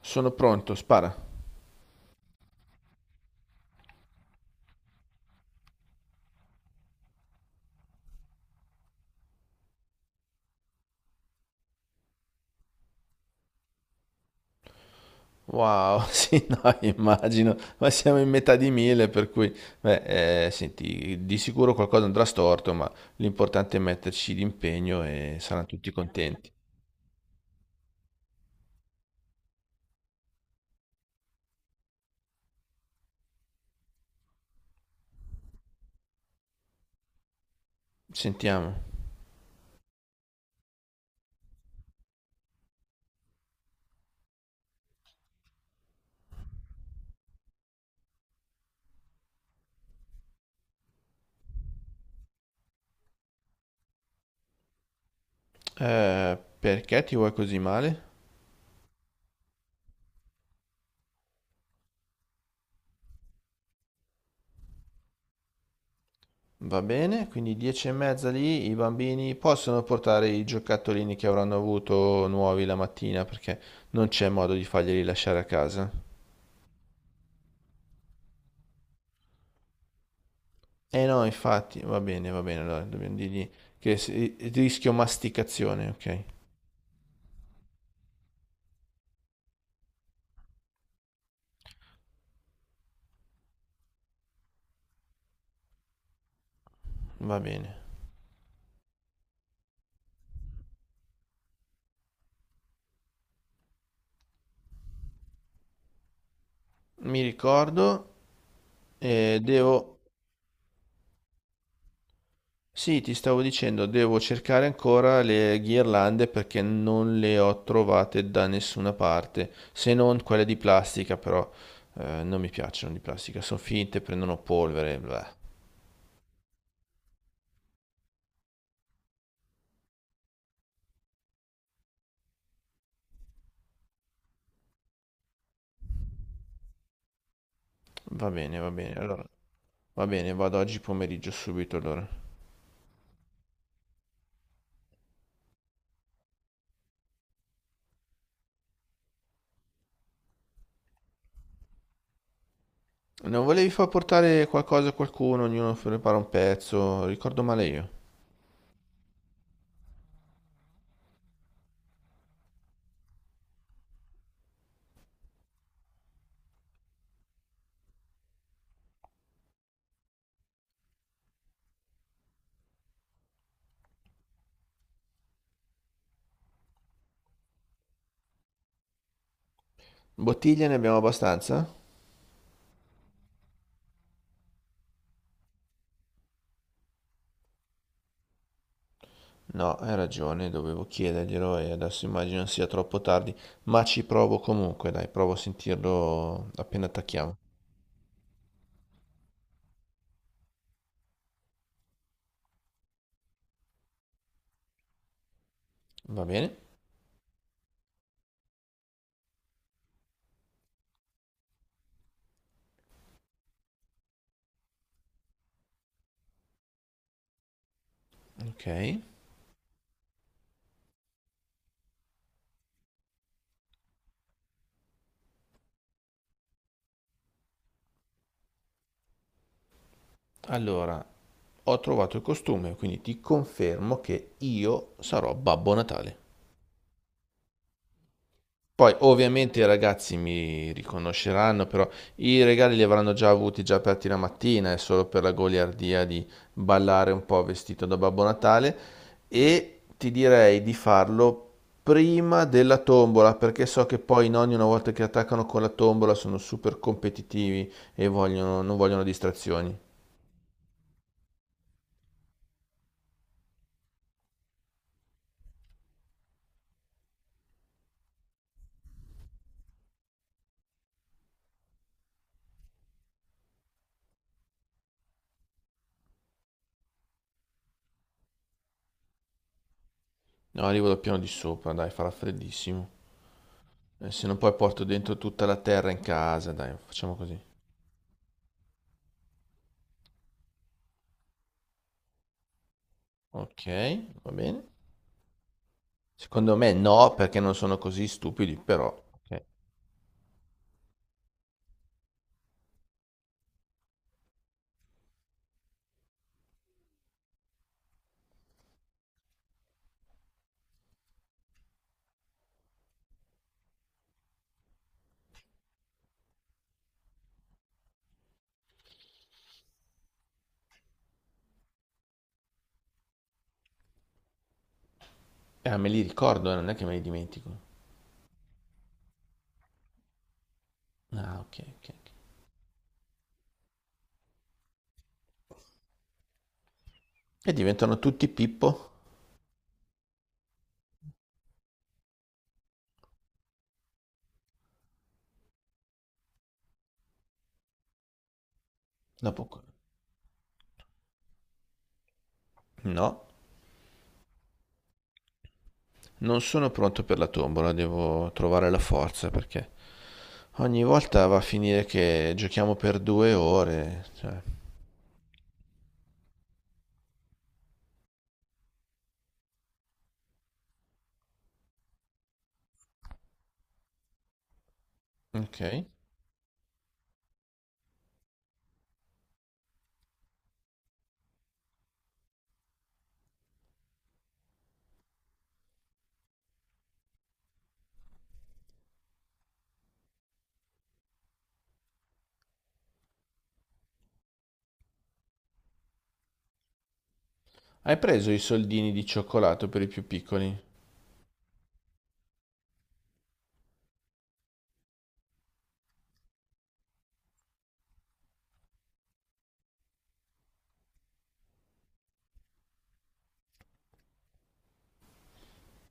Sono pronto, spara. Wow, sì, no, immagino, ma siamo in metà di mille, per cui, beh, senti, di sicuro qualcosa andrà storto, ma l'importante è metterci d'impegno e saranno tutti contenti. Sentiamo. Perché ti vuoi così male? Va bene, quindi 10 e mezza lì, i bambini possono portare i giocattolini che avranno avuto nuovi la mattina, perché non c'è modo di farglieli lasciare a casa. Eh no, infatti, va bene, allora dobbiamo dirgli che rischio masticazione, ok? Va bene. Mi ricordo, devo... Sì, ti stavo dicendo, devo cercare ancora le ghirlande perché non le ho trovate da nessuna parte, se non quelle di plastica, però non mi piacciono di plastica, sono finte, prendono polvere, bla. Va bene, allora, va bene, vado oggi pomeriggio subito allora. Non volevi far portare qualcosa a qualcuno, ognuno prepara un pezzo, ricordo male io. Bottiglie ne abbiamo abbastanza? No, hai ragione, dovevo chiederglielo e adesso immagino sia troppo tardi, ma ci provo comunque, dai, provo a sentirlo appena attacchiamo. Va bene? Ok. Allora, ho trovato il costume, quindi ti confermo che io sarò Babbo Natale. Poi ovviamente i ragazzi mi riconosceranno, però i regali li avranno già avuti già aperti la mattina, è solo per la goliardia di ballare un po' vestito da Babbo Natale e ti direi di farlo prima della tombola, perché so che poi i nonni una volta che attaccano con la tombola sono super competitivi e non vogliono distrazioni. No, arrivo dal piano di sopra, dai, farà freddissimo. Se no poi porto dentro tutta la terra in casa, dai, facciamo così. Ok, va bene. Secondo me no, perché non sono così stupidi, però ok. Me li ricordo, non è che me li dimentico. Ah, ok, ok, ok. E diventano tutti Pippo? Dopo... co- No, non sono pronto per la tombola, devo trovare la forza perché ogni volta va a finire che giochiamo per 2 ore, cioè. Ok. Hai preso i soldini di cioccolato per i più piccoli?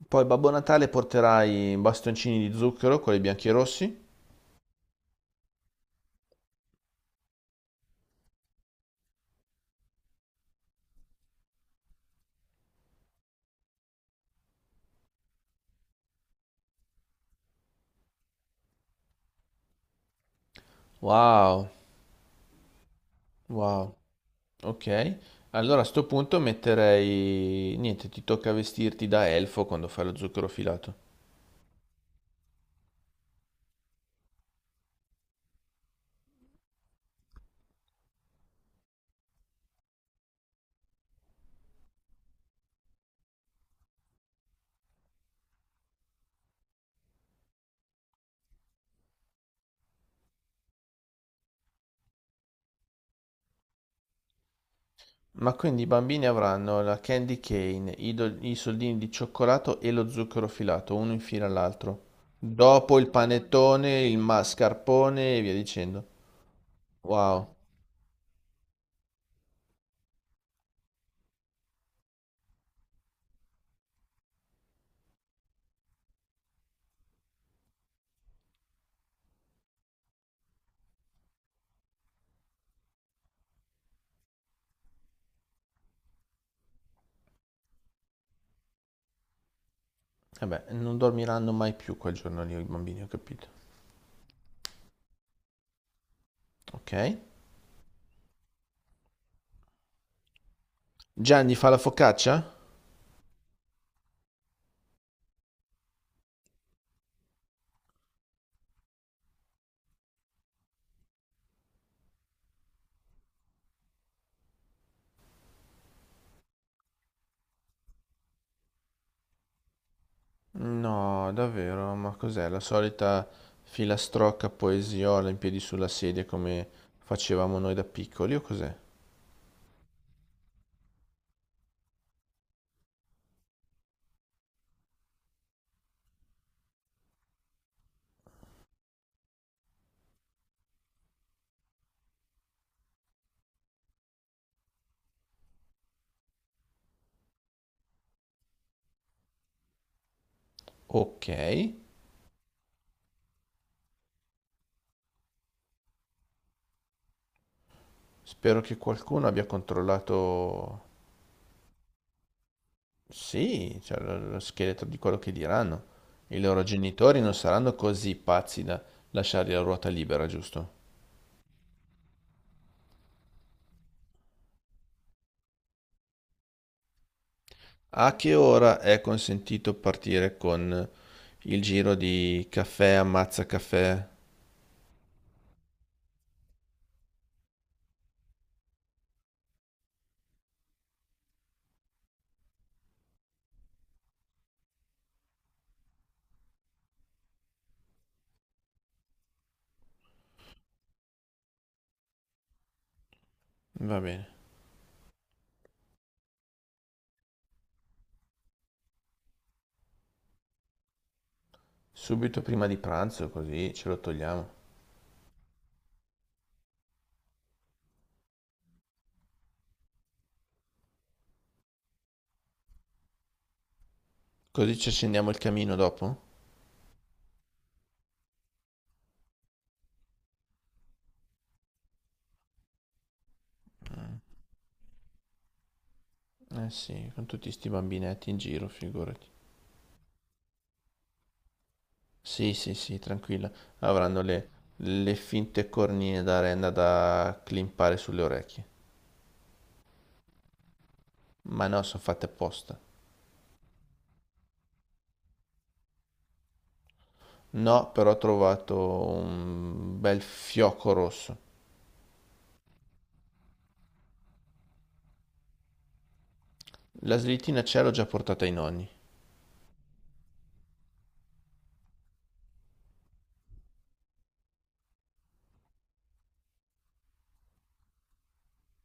Poi Babbo Natale porterà i bastoncini di zucchero, quelli bianchi e rossi? Wow, wow. Ok, allora a sto punto metterei... Niente, ti tocca vestirti da elfo quando fai lo zucchero filato. Ma quindi i bambini avranno la candy cane, i soldini di cioccolato e lo zucchero filato, uno in fila all'altro. Dopo il panettone, il mascarpone e via dicendo. Wow. Vabbè, non dormiranno mai più quel giorno lì i bambini, ho capito. Ok. Gianni fa la focaccia? No, davvero, ma cos'è? La solita filastrocca poesiola in piedi sulla sedia come facevamo noi da piccoli o cos'è? Ok, spero che qualcuno abbia controllato, sì, cioè, lo scheletro di quello che diranno. I loro genitori non saranno così pazzi da lasciargli la ruota libera, giusto? A che ora è consentito partire con il giro di caffè ammazza caffè? Va bene. Subito prima di pranzo, così ce lo togliamo. Così ci accendiamo il camino dopo? Eh sì, con tutti sti bambinetti in giro, figurati. Sì, sì, sì, tranquilla. Avranno le finte cornine da renda da climpare sulle orecchie. Ma no, sono fatte apposta. No, però ho trovato un bel fiocco rosso. La slittina ce l'ho già portata ai nonni.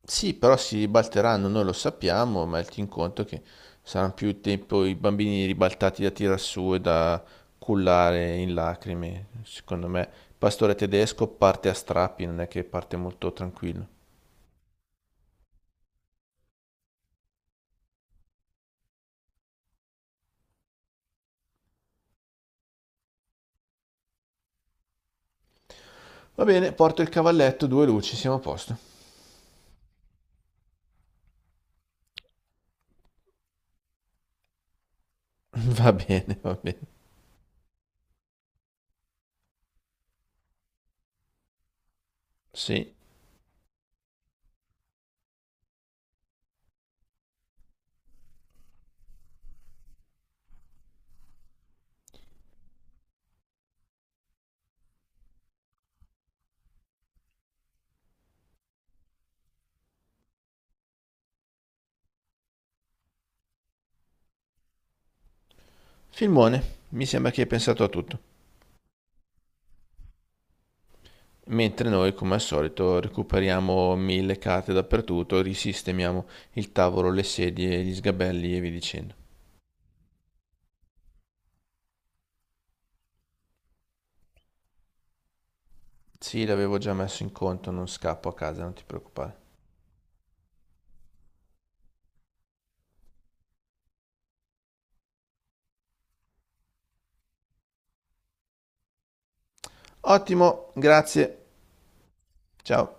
Sì, però si ribalteranno, noi lo sappiamo, ma metti in conto che saranno più tempo i bambini ribaltati da tirar su e da cullare in lacrime. Secondo me, il pastore tedesco parte a strappi, non è che parte molto tranquillo. Va bene, porto il cavalletto, due luci, siamo a posto. Va bene, va bene. Sì, filmone, mi sembra che hai pensato a tutto. Mentre noi, come al solito, recuperiamo mille carte dappertutto, risistemiamo il tavolo, le sedie, gli sgabelli e via dicendo. Sì, l'avevo già messo in conto, non scappo a casa, non ti preoccupare. Ottimo, grazie. Ciao.